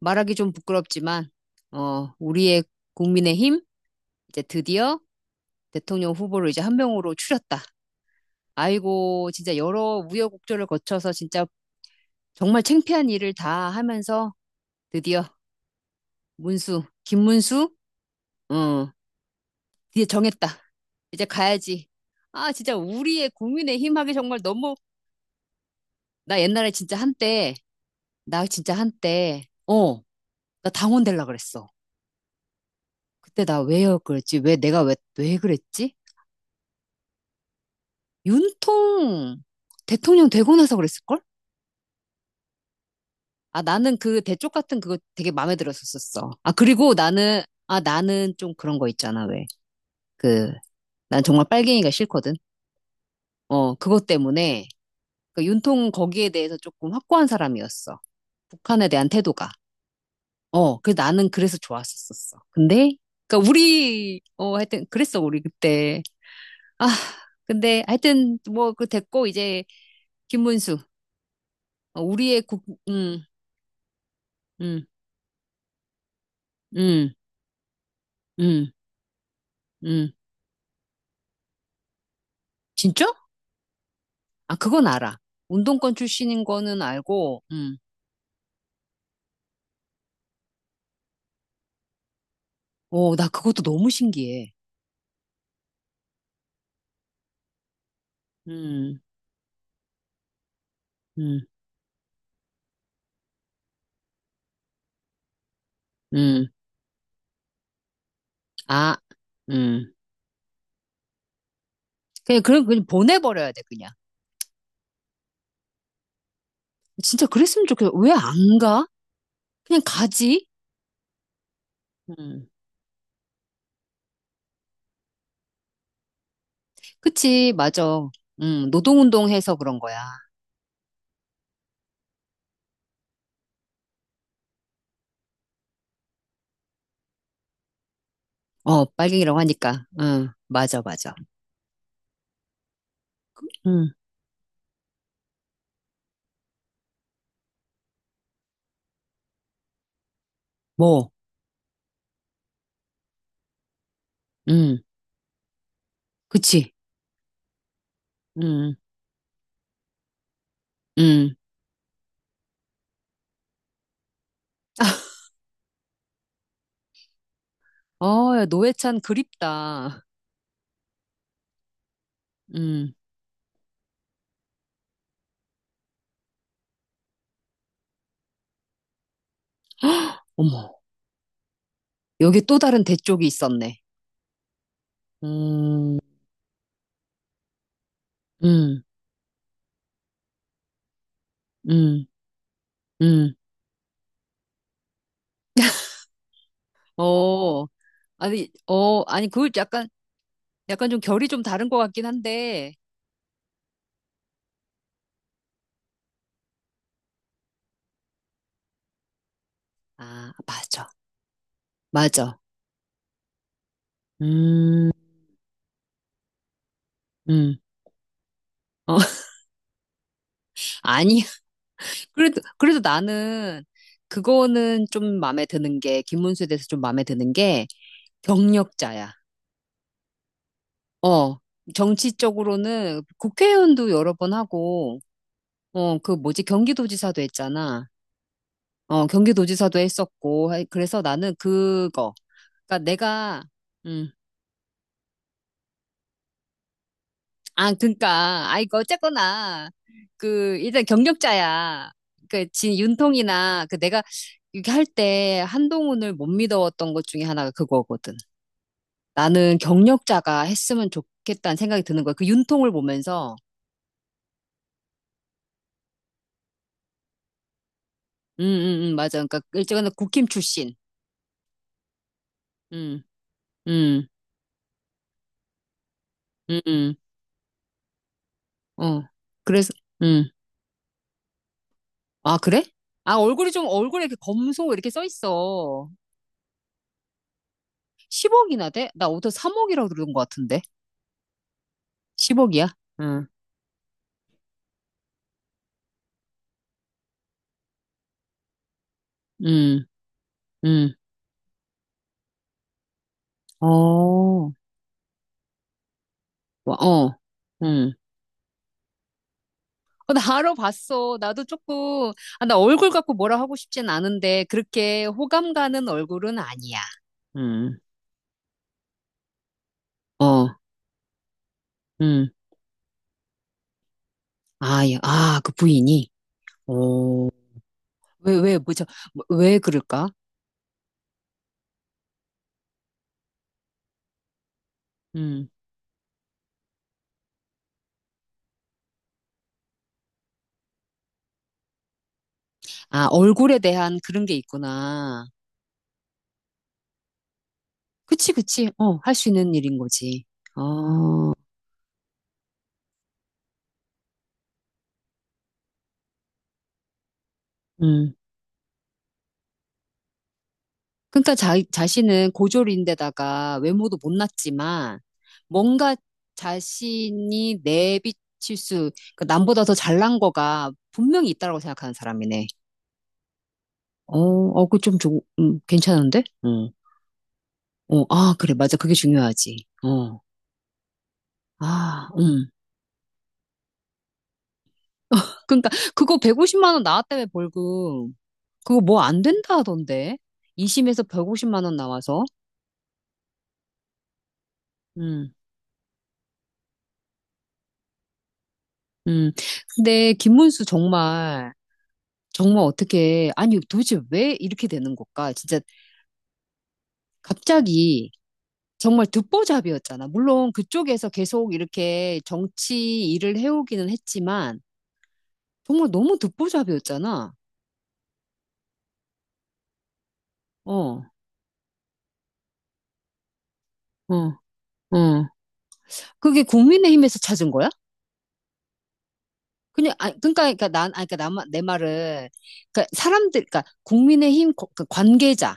말하기 좀 부끄럽지만, 우리의 국민의힘, 이제 드디어 대통령 후보를 이제 한 명으로 추렸다. 아이고, 진짜 여러 우여곡절을 거쳐서 진짜 정말 창피한 일을 다 하면서 드디어 문수, 김문수, 어, 드디어 정했다. 이제 가야지. 아, 진짜 우리의 국민의힘 하기 정말 너무, 나 옛날에 진짜 한때, 나 진짜 한때, 나 당원 될라 그랬어. 그때 나 왜 그랬지? 왜 내가 왜, 왜 그랬지? 윤통 대통령 되고 나서 그랬을걸? 아, 나는 그 대쪽 같은 그거 되게 마음에 들었었었어. 아, 그리고 나는, 아, 나는 좀 그런 거 있잖아, 왜. 그, 난 정말 빨갱이가 싫거든. 그것 때문에, 그 윤통 거기에 대해서 조금 확고한 사람이었어. 북한에 대한 태도가. 그 나는 그래서 좋았었었어. 근데, 그니까 우리, 하여튼, 그랬어, 우리 그때. 아, 근데 하여튼, 뭐, 그 됐고, 이제, 김문수. 우리의 국, 음, 음, 음. 음, 음. 진짜? 아, 그건 알아. 운동권 출신인 거는 알고, 오, 나 그것도 너무 신기해. 음, 음, 음. 아, 음. 그냥 보내버려야 돼, 그냥. 진짜 그랬으면 좋겠어. 왜 안 가? 그냥 가지? 음. 그치, 맞아. 노동운동 해서 그런 거야. 어, 빨갱이라고 하니까. 응, 맞아, 맞아. 응, 뭐, 응, 그치. 응, 응, 어, 야, 노회찬 그립다. 응. 어머, 여기 또 다른 대쪽이 있었네. 음, 음, 음, 음. 어, 아니, 어, 아니, 그걸 약간, 약간 좀 결이 좀 다른 것 같긴 한데. 아, 맞아, 맞아. 음, 음. 어, 아니, 그래도, 그래도 나는 그거는 좀 마음에 드는 게, 김문수에 대해서 좀 마음에 드는 게 경력자야. 어, 정치적으로는 국회의원도 여러 번 하고, 어, 그 뭐지, 경기도지사도 했잖아. 어, 경기도지사도 했었고, 하이- 그래서 나는 그거. 그러니까 내가, 음, 아, 그러니까, 아, 이거 어쨌거나, 그, 일단 경력자야. 그, 진 윤통이나, 그 내가 이렇게 할 때 한동훈을 못 믿어왔던 것 중에 하나가 그거거든. 나는 경력자가 했으면 좋겠다는 생각이 드는 거야. 그 윤통을 보면서, 맞아. 그러니까, 일찍은 국힘 출신. 음, 음, 음, 음, 어. 그래서, 음. 아, 그래? 아, 얼굴이 좀, 얼굴에 이렇게 검소 이렇게 써 있어. 10억이나 돼? 나 어디서 3억이라고 들은 것 같은데. 10억이야? 응, 응, 응. 어, 와, 어, 응. 어, 나 알아 봤어. 나도 조금, 아, 나 얼굴 갖고 뭐라 하고 싶진 않은데, 그렇게 호감 가는 얼굴은 아니야. 응, 어, 응. 아, 예. 아, 그 부인이? 오, 왜, 왜, 뭐죠? 뭐, 왜 그럴까? 음. 아, 얼굴에 대한 그런 게 있구나. 그치, 그치. 어, 할 수 있는 일인 거지. 어, 음. 그러니까 자신은 고졸인데다가 외모도 못났지만 뭔가 자신이 내비칠 수, 그 남보다 더 잘난 거가 분명히 있다라고 생각하는 사람이네. 어, 어, 그 좀 좋, 괜찮은데? 응. 어, 아, 그래, 맞아. 그게 중요하지. 어, 아, 그러니까 그거 150만 원 나왔다며 벌금. 그거 뭐 안 된다 하던데. 2심에서 150만 원 나와서. 음. 음. 근데 김문수 정말, 정말 어떻게, 아니 도대체 왜 이렇게 되는 걸까? 진짜 갑자기 정말 듣보잡이었잖아. 물론 그쪽에서 계속 이렇게 정치 일을 해오기는 했지만, 정말 너무 듣보잡이었잖아. 어, 어, 어. 그게 국민의힘에서 찾은 거야? 그냥, 아, 그러니까, 그러니까 난, 아, 그러니까 나, 내 말은, 그러니까 사람들, 그러니까 국민의힘 거- 그 관계자,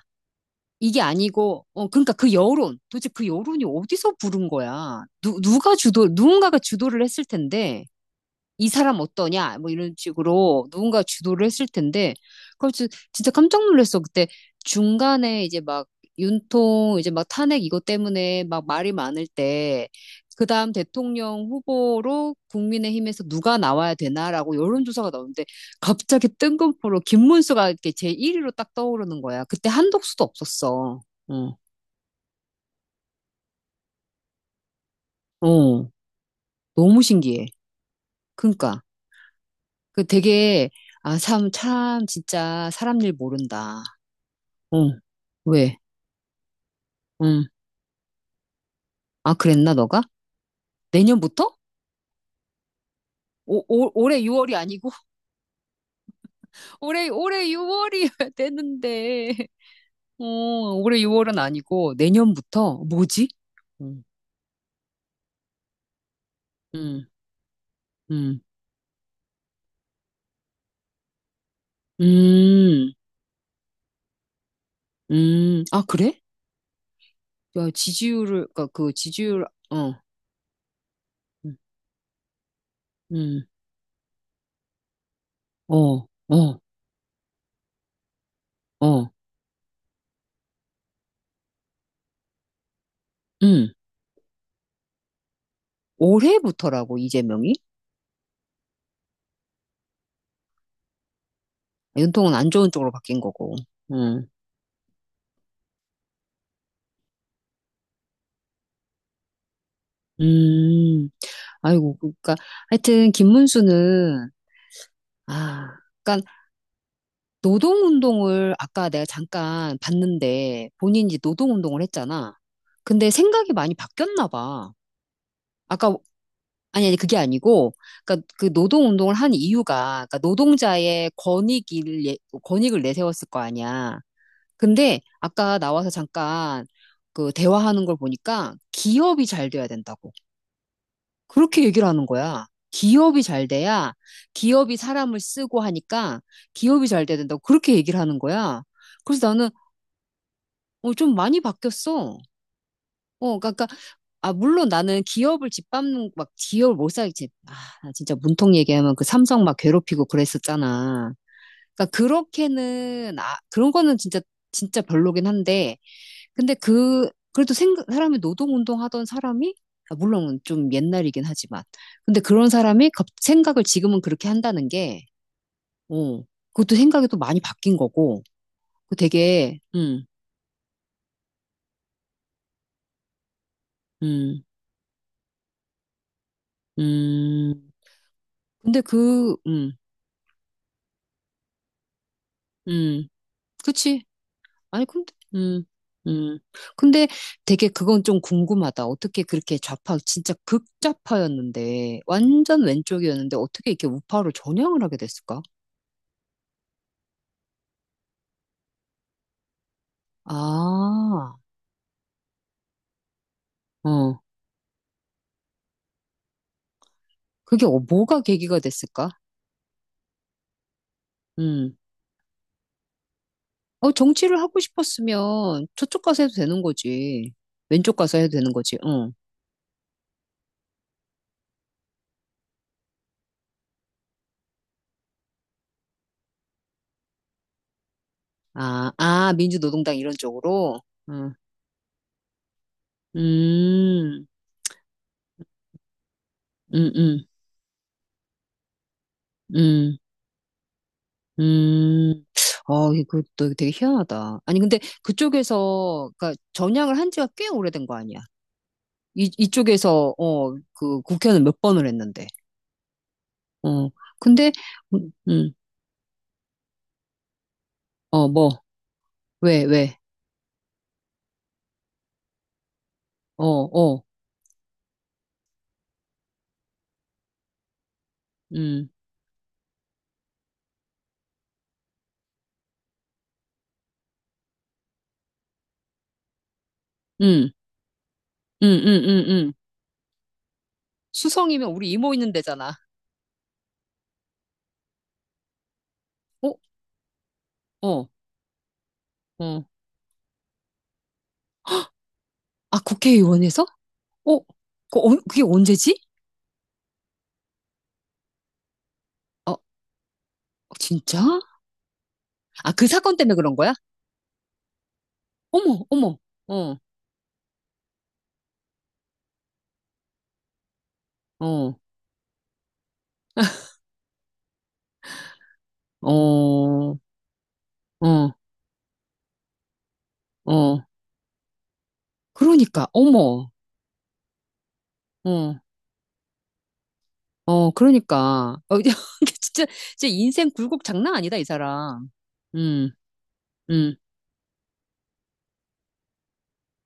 이게 아니고, 어, 그러니까 그 여론, 도대체 그 여론이 어디서 부른 거야? 누가 주도, 누군가가 주도를 했을 텐데, 이 사람 어떠냐? 뭐 이런 식으로 누군가 주도를 했을 텐데, 그걸 진- 진짜 깜짝 놀랐어. 그때 중간에 이제 막 윤통, 이제 막 탄핵 이것 때문에 막 말이 많을 때, 그 다음 대통령 후보로 국민의힘에서 누가 나와야 되나라고 여론조사가 나오는데, 갑자기 뜬금포로 김문수가 이렇게 제1위로 딱 떠오르는 거야. 그때 한덕수도 없었어. 응. 어, 너무 신기해. 그러니까. 그 되게, 아, 참, 참, 진짜 사람 일 모른다. 어, 왜? 응. 아, 그랬나, 너가? 내년부터? 오, 올- 올해 6월이 아니고? 올해, 올해 6월이 되는데. 어, 올해 6월은 아니고, 내년부터? 뭐지? 응, 응, 응. 음, 아, 그래? 야, 지지율을, 그니까 그 지지율, 어, 음, 음. 어, 어, 어, 음. 올해부터라고, 이재명이? 아, 연통은 안 좋은 쪽으로 바뀐 거고. 응. 음, 아이고, 그러니까 하여튼 김문수는 아, 그러니까 노동운동을 아까 내가 잠깐 봤는데 본인이 노동운동을 했잖아. 근데 생각이 많이 바뀌었나 봐. 아까 아니 그게 아니고, 그러니까 그 노동운동을 한 이유가 그러니까 노동자의 권익을 예- 권익을 내세웠을 거 아니야. 근데 아까 나와서 잠깐 그 대화하는 걸 보니까 기업이 잘 돼야 된다고. 그렇게 얘기를 하는 거야. 기업이 잘 돼야 기업이 사람을 쓰고 하니까 기업이 잘 돼야 된다고 그렇게 얘기를 하는 거야. 그래서 나는 어, 좀 많이 바뀌었어. 어, 그러니까, 아, 물론 나는 기업을 짓밟는, 막, 기업을 못 살겠지. 아, 나 진짜 문통 얘기하면 그 삼성 막 괴롭히고 그랬었잖아. 그러니까 그렇게는, 아, 그런 거는 진짜, 진짜 별로긴 한데, 근데 그, 그래도 생각, 사람이 노동운동 하던 사람이, 아, 물론 좀 옛날이긴 하지만, 근데 그런 사람이 갑- 생각을 지금은 그렇게 한다는 게, 어, 그것도 생각이 또 많이 바뀐 거고, 그 되게, 음, 음, 근데 그, 음, 그치. 아니, 근데, 음. 근데 되게 그건 좀 궁금하다. 어떻게 그렇게 좌파, 진짜 극좌파였는데, 완전 왼쪽이었는데, 어떻게 이렇게 우파로 전향을 하게 됐을까? 아. 어, 그게 어- 뭐가 계기가 됐을까? 음. 어, 정치를 하고 싶었으면 저쪽 가서 해도 되는 거지. 왼쪽 가서 해도 되는 거지. 응. 아, 아, 민주노동당 이런 쪽으로. 응. 음, 음, 음, 음, 음. 어, 이거 또 되게 희한하다. 아니, 근데 그쪽에서, 그니까 전향을 한 지가 꽤 오래된 거 아니야. 이쪽에서, 어, 그 국회는 몇 번을 했는데. 어, 근데, 음, 음, 어, 뭐, 왜, 왜. 어, 어. 음, 음, 음, 음, 음, 음. 수성이면 우리 이모 있는 데잖아. 어, 어, 어. 아, 국회의원에서? 어, 그, 언- 그게 언제지? 어, 진짜? 아, 그 사건 때문에 그런 거야? 어머, 어머, 어, 어, 어, 어, 어. 그러니까, 어머, 어, 어, 그러니까. 어, 이게 진짜, 진짜 인생 굴곡 장난 아니다, 이 사람. 음,